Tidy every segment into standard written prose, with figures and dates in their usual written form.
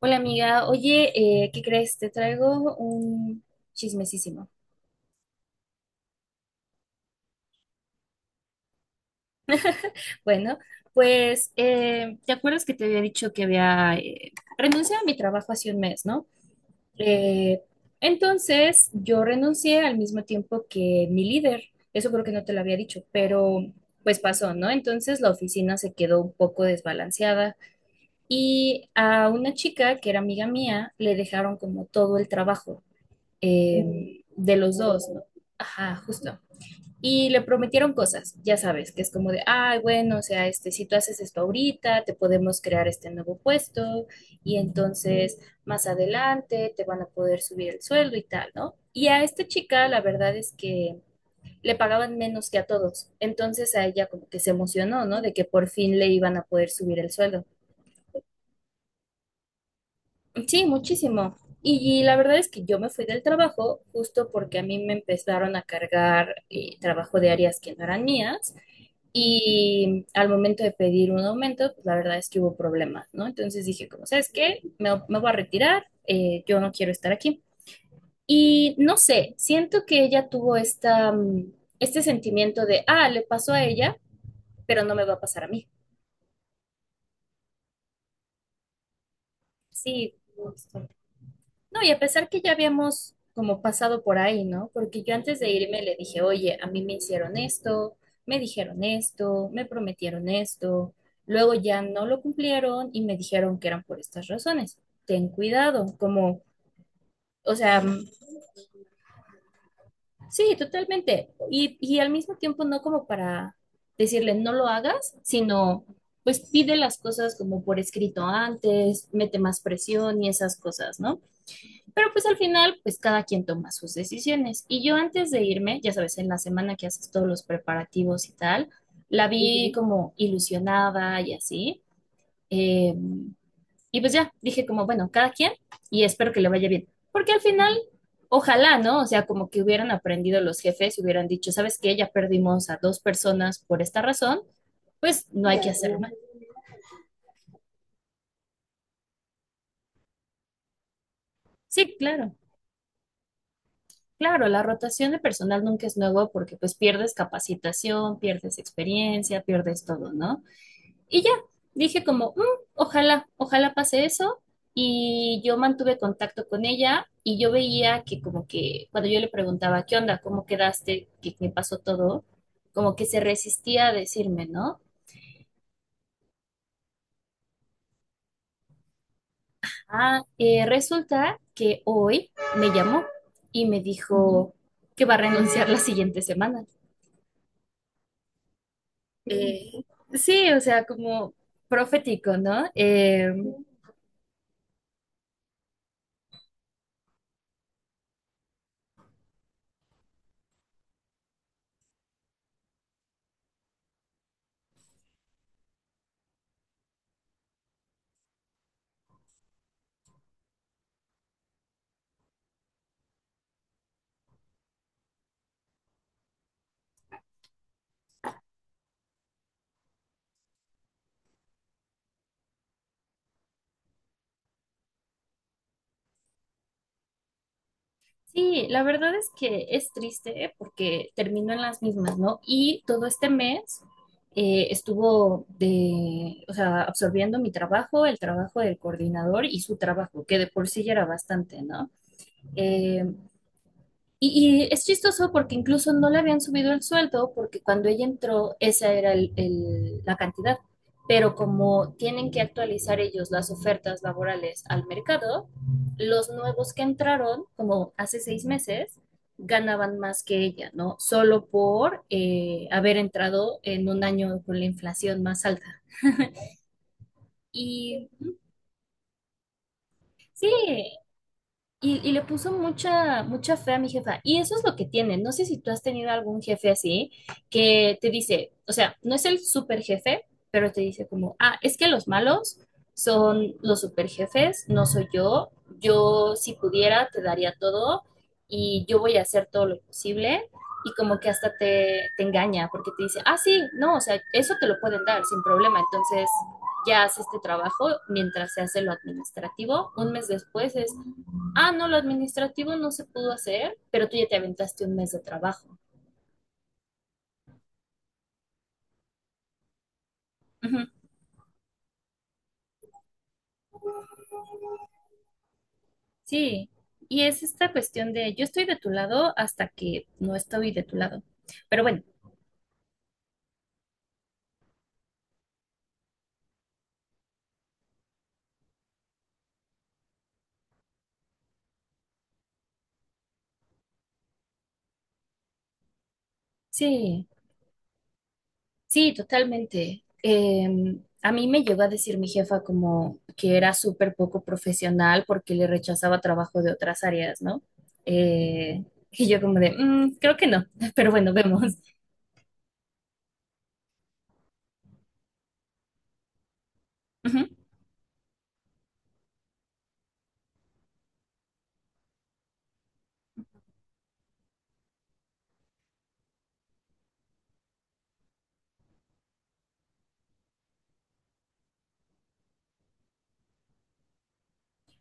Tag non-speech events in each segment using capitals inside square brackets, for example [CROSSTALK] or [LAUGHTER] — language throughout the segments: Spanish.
Hola amiga, oye, ¿qué crees? Te traigo un chismesísimo. Bueno, pues, ¿te acuerdas que te había dicho que había renunciado a mi trabajo hace un mes, ¿no? Eh, entonces, yo renuncié al mismo tiempo que mi líder. Eso creo que no te lo había dicho, pero pues pasó, ¿no? Entonces la oficina se quedó un poco desbalanceada y a una chica que era amiga mía le dejaron como todo el trabajo de los dos, ¿no? Ajá, justo. Y le prometieron cosas, ya sabes, que es como de, ay, bueno, o sea, este, si tú haces esto ahorita, te podemos crear este nuevo puesto y entonces más adelante te van a poder subir el sueldo y tal, ¿no? Y a esta chica la verdad es que le pagaban menos que a todos, entonces a ella como que se emocionó, ¿no? De que por fin le iban a poder subir el sueldo. Sí, muchísimo. Y la verdad es que yo me fui del trabajo justo porque a mí me empezaron a cargar trabajo de áreas que no eran mías. Y al momento de pedir un aumento, pues la verdad es que hubo problemas, ¿no? Entonces dije, como, ¿sabes qué? Me voy a retirar, yo no quiero estar aquí. Y no sé, siento que ella tuvo esta, este sentimiento de, ah, le pasó a ella, pero no me va a pasar a mí. Sí, no, y a pesar que ya habíamos como pasado por ahí, ¿no? Porque yo antes de irme le dije, oye, a mí me hicieron esto, me dijeron esto, me prometieron esto, luego ya no lo cumplieron y me dijeron que eran por estas razones. Ten cuidado, como, o sea, sí, totalmente. Y al mismo tiempo no como para decirle no lo hagas, sino pues pide las cosas como por escrito antes, mete más presión y esas cosas, ¿no? Pero pues al final, pues cada quien toma sus decisiones. Y yo antes de irme, ya sabes, en la semana que haces todos los preparativos y tal, la vi como ilusionada y así. eh, y pues ya, dije como, bueno, cada quien, y espero que le vaya bien. Porque al final, ojalá, ¿no? O sea, como que hubieran aprendido los jefes, hubieran dicho, ¿sabes qué? Ya perdimos a dos personas por esta razón, pues no hay que hacer más. Sí, claro. Claro, la rotación de personal nunca es nuevo porque pues pierdes capacitación, pierdes experiencia, pierdes todo, ¿no? Y ya, dije como, "Mm, ojalá, ojalá pase eso". Y yo mantuve contacto con ella y yo veía que como que cuando yo le preguntaba, ¿qué onda? ¿Cómo quedaste? ¿Qué pasó todo? Como que se resistía a decirme, ¿no? Ah, resulta que hoy me llamó y me dijo que va a renunciar la siguiente semana. Eh, sí, o sea, como profético, ¿no? Sí, la verdad es que es triste porque terminó en las mismas, ¿no? Y todo este mes estuvo de, o sea, absorbiendo mi trabajo, el trabajo del coordinador y su trabajo, que de por sí ya era bastante, ¿no? Eh, y es chistoso porque incluso no le habían subido el sueldo porque cuando ella entró esa era la cantidad. Pero como tienen que actualizar ellos las ofertas laborales al mercado, los nuevos que entraron, como hace 6 meses, ganaban más que ella, ¿no? Solo por haber entrado en un año con la inflación más alta. Y sí, y le puso mucha, mucha fe a mi jefa. Y eso es lo que tiene. No sé si tú has tenido algún jefe así que te dice, o sea, no es el super jefe, pero te dice como, ah, es que los malos son los super jefes, no soy yo. Yo, si pudiera, te daría todo y yo voy a hacer todo lo posible. Y como que hasta te engaña porque te dice, ah, sí, no, o sea, eso te lo pueden dar sin problema. Entonces, ya hace este trabajo mientras se hace lo administrativo. Un mes después es: ah, no, lo administrativo no se pudo hacer, pero tú ya te aventaste un mes de trabajo. Ujú. Sí, y es esta cuestión de yo estoy de tu lado hasta que no estoy de tu lado. Pero bueno, sí, sí, totalmente. A mí me llegó a decir mi jefa como que era súper poco profesional porque le rechazaba trabajo de otras áreas, ¿no? Eh, y yo como de, "Mm, creo que no", [LAUGHS] pero bueno, vemos.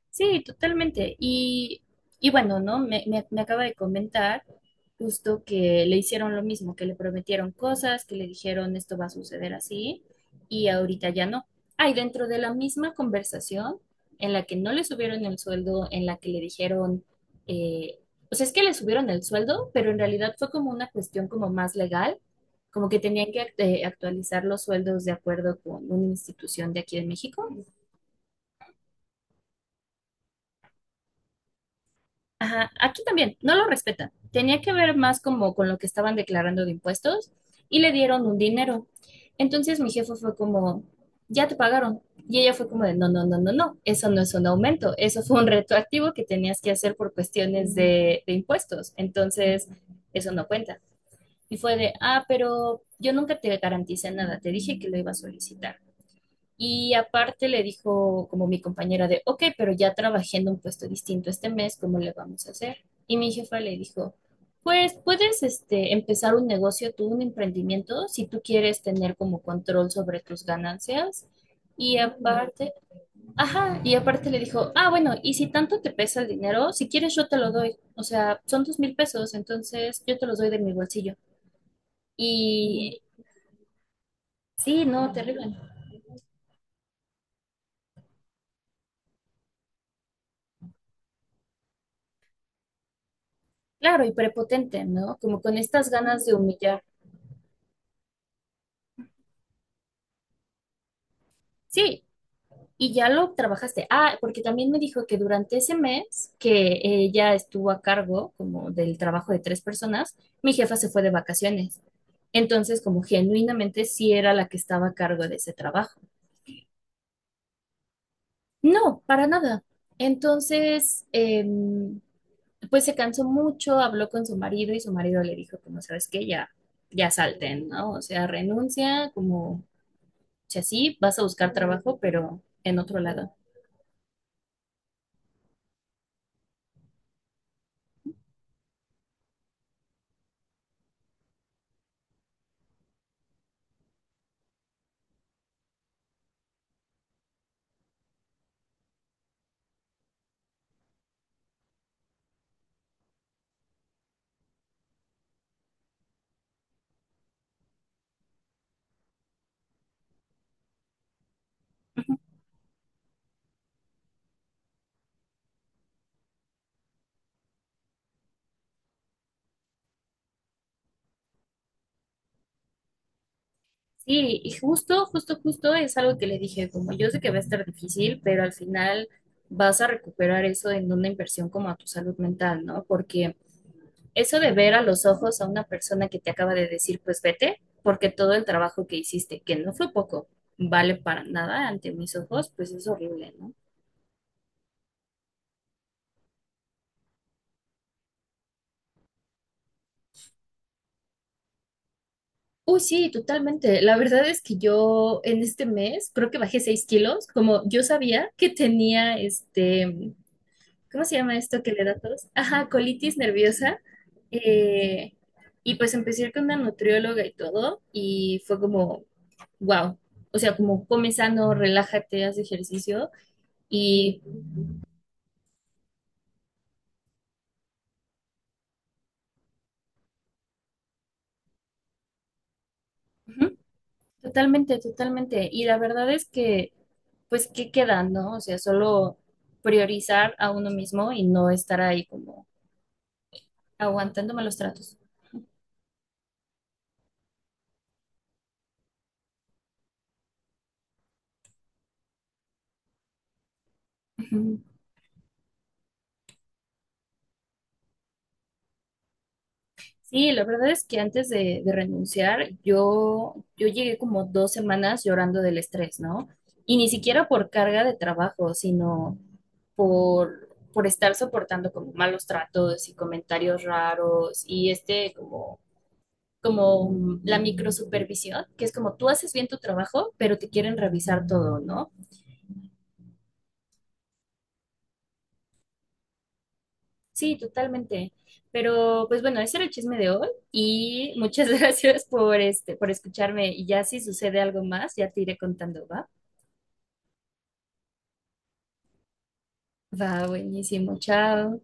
Sí, totalmente. Y bueno, ¿no? Me acaba de comentar justo que le hicieron lo mismo, que le prometieron cosas, que le dijeron esto va a suceder así y ahorita ya no. Hay dentro de la misma conversación en la que no le subieron el sueldo, en la que le dijeron, eh, o sea, es que le subieron el sueldo, pero en realidad fue como una cuestión como más legal, como que tenían que actualizar los sueldos de acuerdo con una institución de aquí de México. Ajá, aquí también, no lo respetan. Tenía que ver más como con lo que estaban declarando de impuestos y le dieron un dinero. Entonces mi jefe fue como, ya te pagaron. Y ella fue como de, no, no, no, no, no, eso no es un aumento, eso fue un retroactivo que tenías que hacer por cuestiones de impuestos. Entonces, eso no cuenta. Y fue de, ah, pero yo nunca te garanticé nada, te dije que lo iba a solicitar. Y aparte le dijo como mi compañera de, ok, pero ya trabajé en un puesto distinto este mes, ¿cómo le vamos a hacer? Y mi jefa le dijo, pues puedes este, empezar un negocio, tú, un emprendimiento, si tú quieres tener como control sobre tus ganancias. Y aparte, ajá, y aparte le dijo, ah, bueno, y si tanto te pesa el dinero, si quieres yo te lo doy. O sea, son 2,000 pesos, entonces yo te los doy de mi bolsillo. Y sí, no, terrible. Claro, y prepotente, ¿no? Como con estas ganas de humillar. Sí, y ya lo trabajaste. Ah, porque también me dijo que durante ese mes que ella estuvo a cargo como del trabajo de 3 personas, mi jefa se fue de vacaciones. Entonces, como genuinamente sí era la que estaba a cargo de ese trabajo. No, para nada. Entonces, pues se cansó mucho, habló con su marido y su marido le dijo, como, ¿sabes qué? Ya, ya salten, ¿no? O sea, renuncia, como sea, sí, vas a buscar trabajo, pero en otro lado. Ujú. Sí, y justo, justo, justo es algo que le dije, como yo sé que va a estar difícil, pero al final vas a recuperar eso en una inversión como a tu salud mental, ¿no? Porque eso de ver a los ojos a una persona que te acaba de decir, pues vete, porque todo el trabajo que hiciste, que no fue poco, vale para nada ante mis ojos, pues es horrible, ¿no? Uy, sí, totalmente. La verdad es que yo en este mes creo que bajé 6 kilos, como yo sabía que tenía este, ¿cómo se llama esto que le da a todos? Ajá, colitis nerviosa. Eh, y pues empecé a ir con una nutrióloga y todo, y fue como, wow. O sea, como come sano, relájate, haz ejercicio. Y ujú, totalmente, totalmente. Y la verdad es que, pues, ¿qué queda, no? O sea, solo priorizar a uno mismo y no estar ahí como aguantándome los tratos. Ujú. Sí, la verdad es que antes de renunciar, yo llegué como 2 semanas llorando del estrés, ¿no? Y ni siquiera por carga de trabajo, sino por estar soportando como malos tratos y comentarios raros y este como, la microsupervisión, que es como tú haces bien tu trabajo, pero te quieren revisar todo, ¿no? Sí, totalmente. Pero pues bueno, ese era el chisme de hoy y muchas [LAUGHS] gracias por este, por escucharme. Y ya si sucede algo más, ya te iré contando, ¿va? Va, buenísimo. Chao.